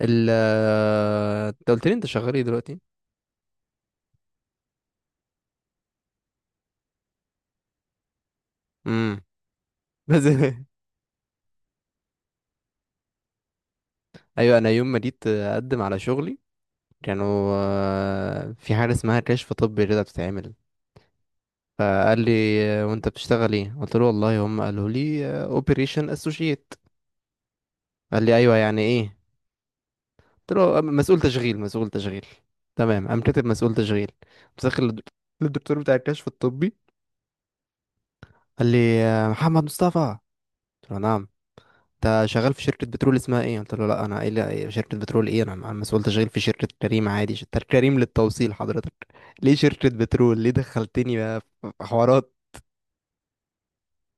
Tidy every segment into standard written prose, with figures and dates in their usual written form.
ال انت قلت لي، انت شغال ايه دلوقتي؟ امم. بس ايوه، انا يوم ما جيت اقدم على شغلي كانوا، في حاجه اسمها كشف طبي كده بتتعمل. فقال لي، وانت بتشتغل ايه؟ قلت له والله هم قالوا لي اوبريشن اسوشيت. قال لي ايوه، يعني ايه؟ قلت له مسؤول تشغيل، مسؤول تشغيل". تمام، قام كاتب مسؤول تشغيل مسخر للدكتور بتاع الكشف الطبي. قال لي محمد مصطفى. قلت له نعم. انت شغال في شركة بترول اسمها ايه؟ قلت له لا، انا ايه، لا، شركة بترول ايه، انا مسؤول تشغيل في شركة كريم عادي، شركة كريم للتوصيل حضرتك. ليه شركة بترول؟ ليه دخلتني بقى في حوارات؟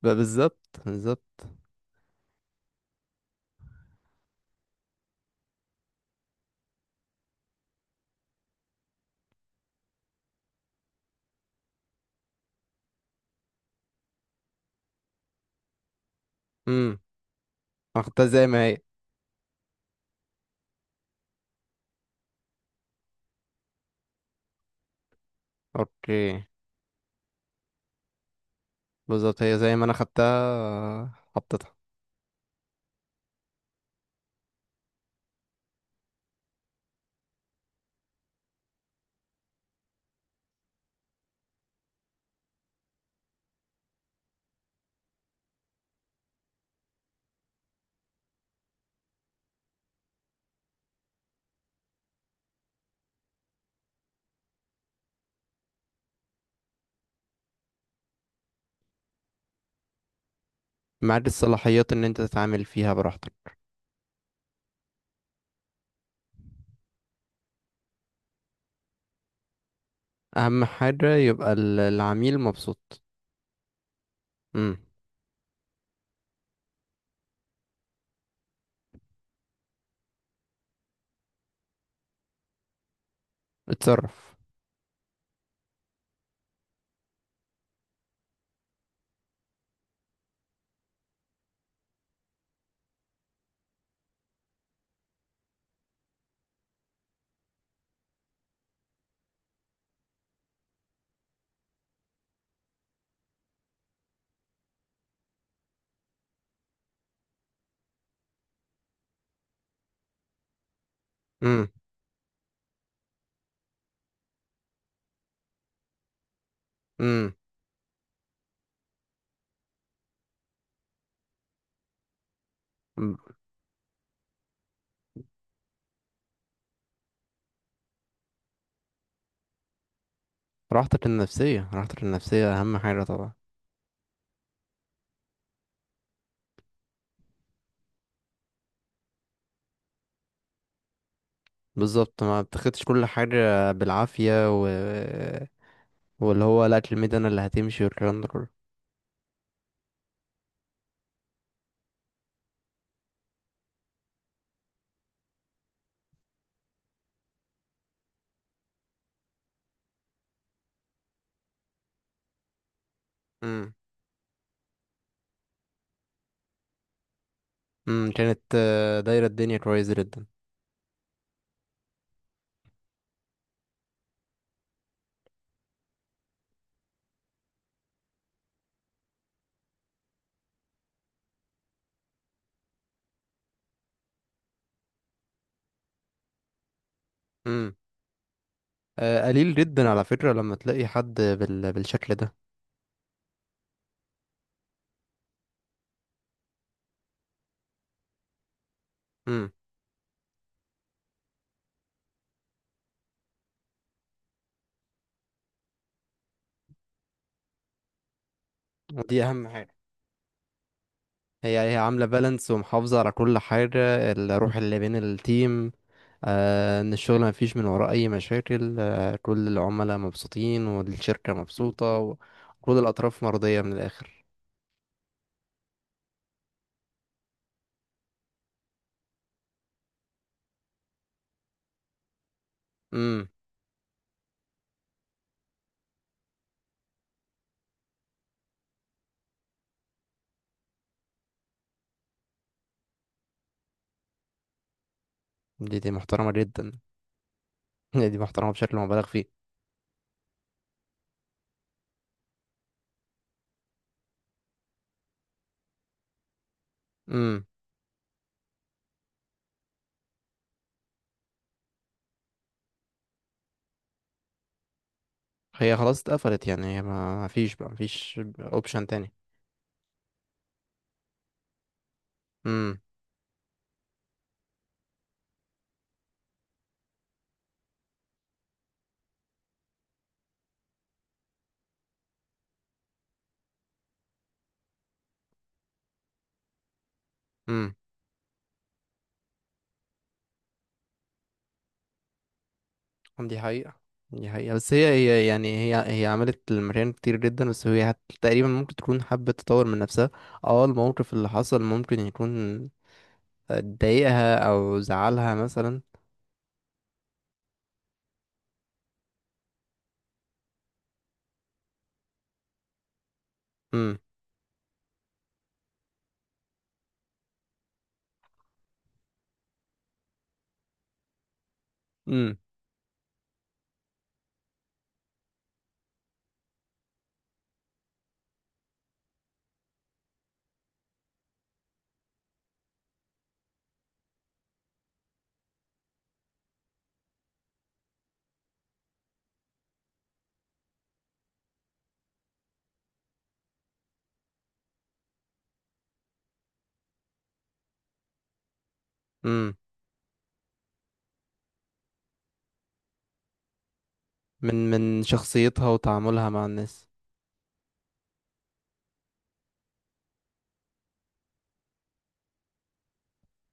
بقى بالظبط بالظبط. امم. انا خدتها زي ما هي. اوكي. بالظبط، هي زي ما انا خدتها حطيتها. معاد الصلاحيات ان انت تتعامل فيها براحتك. اهم حاجة يبقى العميل مبسوط. امم. اتصرف. امم. امم. راحتك النفسية، راحتك النفسية اهم حاجة طبعا. بالظبط، ما بتاخدش كل حاجة بالعافية. و... واللي هو لا، الميد انا اللي هتمشي والكلام ده كله. امم. امم، كانت دايرة الدنيا كويسة جدا. امم. قليل جدا على فكرة لما تلاقي حد بالشكل ده. امم. ودي اهم حاجة. هي عاملة بالانس ومحافظة على كل حاجة، الروح اللي بين التيم. ان الشغل ما فيش من وراه اي مشاكل، كل العملاء مبسوطين والشركة مبسوطة وكل الاطراف مرضية من الاخر. امم. دي محترمة جدا. دي محترمة بشكل مبالغ فيه. امم. هي خلاص اتقفلت، يعني هي ما فيش بقى، ما فيش اوبشن تاني. امم. امم. دي حقيقة. دي حقيقة، بس هي يعني هي. هي عملت المريان كتير جدا، بس تقريبا ممكن تكون حبت تطور من نفسها. اه الموقف اللي حصل ممكن يكون ضايقها او زعلها مثلا. امم. امم. امم. من شخصيتها وتعاملها مع الناس.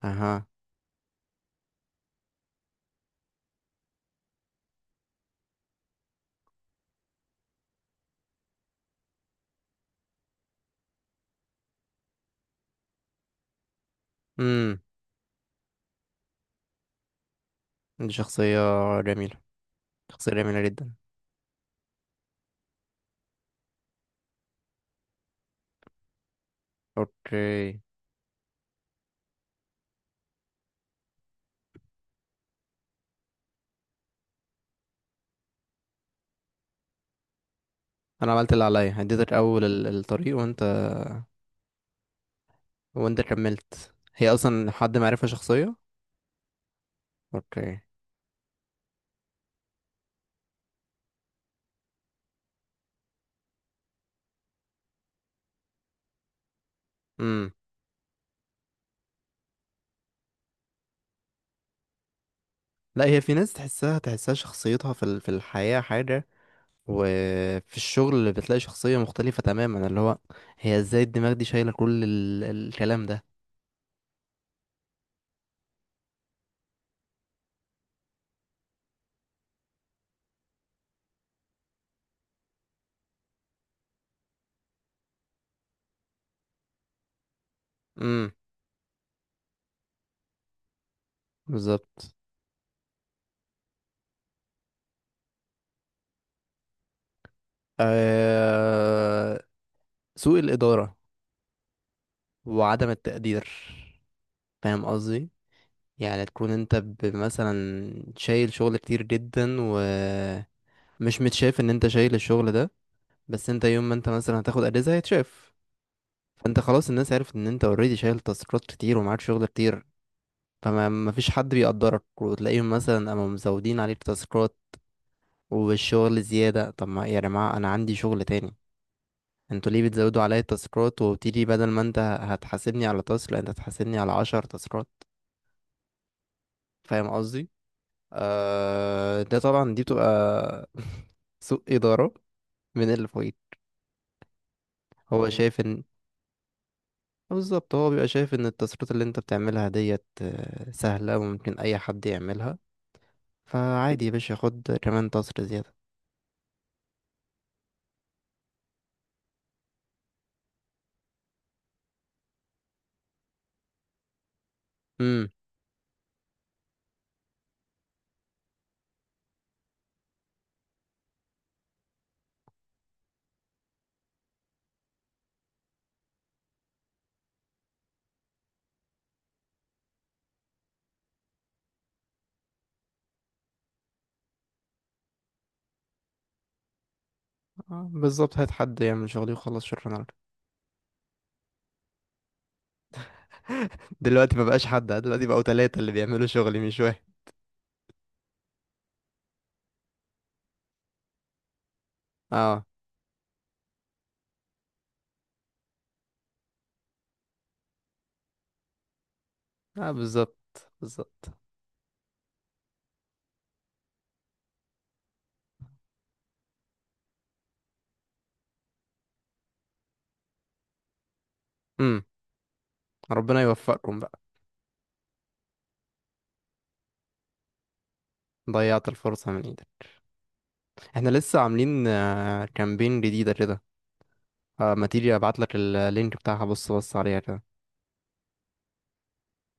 اها. امم. دي شخصية جميلة. شخصية جميلة جدا. اوكي. انا عملت اللي عليا، اديتك اول الطريق، وانت، وانت كملت. هي اصلا حد معرفة شخصية. اوكي. امم. لا، هي في ناس تحسها تحسها، شخصيتها في في الحياة حاجة، وفي الشغل اللي بتلاقي شخصية مختلفة تماما، اللي هو هي ازاي الدماغ دي شايلة كل الكلام ده. امم. بالظبط. أه... سوء الإدارة وعدم التقدير. فاهم قصدي؟ يعني تكون انت مثلا شايل شغل كتير جدا، ومش متشاف ان انت شايل الشغل ده، بس انت يوم ما انت مثلا هتاخد اجازة هيتشاف. فانت خلاص الناس عرفت ان انت اوريدي شايل تاسكات كتير ومعاك شغل كتير. فما مفيش حد بيقدرك، وتلاقيهم مثلا قاموا مزودين عليك تاسكات والشغل زيادة. طب ما يا جماعة انا عندي شغل تاني، انتوا ليه بتزودوا عليا التاسكات؟ وبتيجي بدل ما انت هتحاسبني على تاسك، لا، انت هتحاسبني على 10 تاسكات. فاهم قصدي؟ ده طبعا، دي بتبقى سوء إدارة من اللي فوقيك. هو شايف ان، بالظبط، هو بيبقى شايف ان التصريفات اللي انت بتعملها ديت سهلة وممكن أي حد يعملها. فعادي يا باشا، خد كمان تصرف زيادة. امم. بالظبط، هات حد يعمل شغلي وخلص شغل انا. دلوقتي مبقاش حد، دلوقتي بقوا تلاتة اللي بيعملوا شغلي مش واحد. اه. اه، بالظبط. بالظبط. امم. ربنا يوفقكم بقى. ضيعت الفرصة من ايدك. احنا لسه عاملين كامبين جديدة كده. ما تيجي ابعت لك اللينك بتاعها، بص بص عليها كده.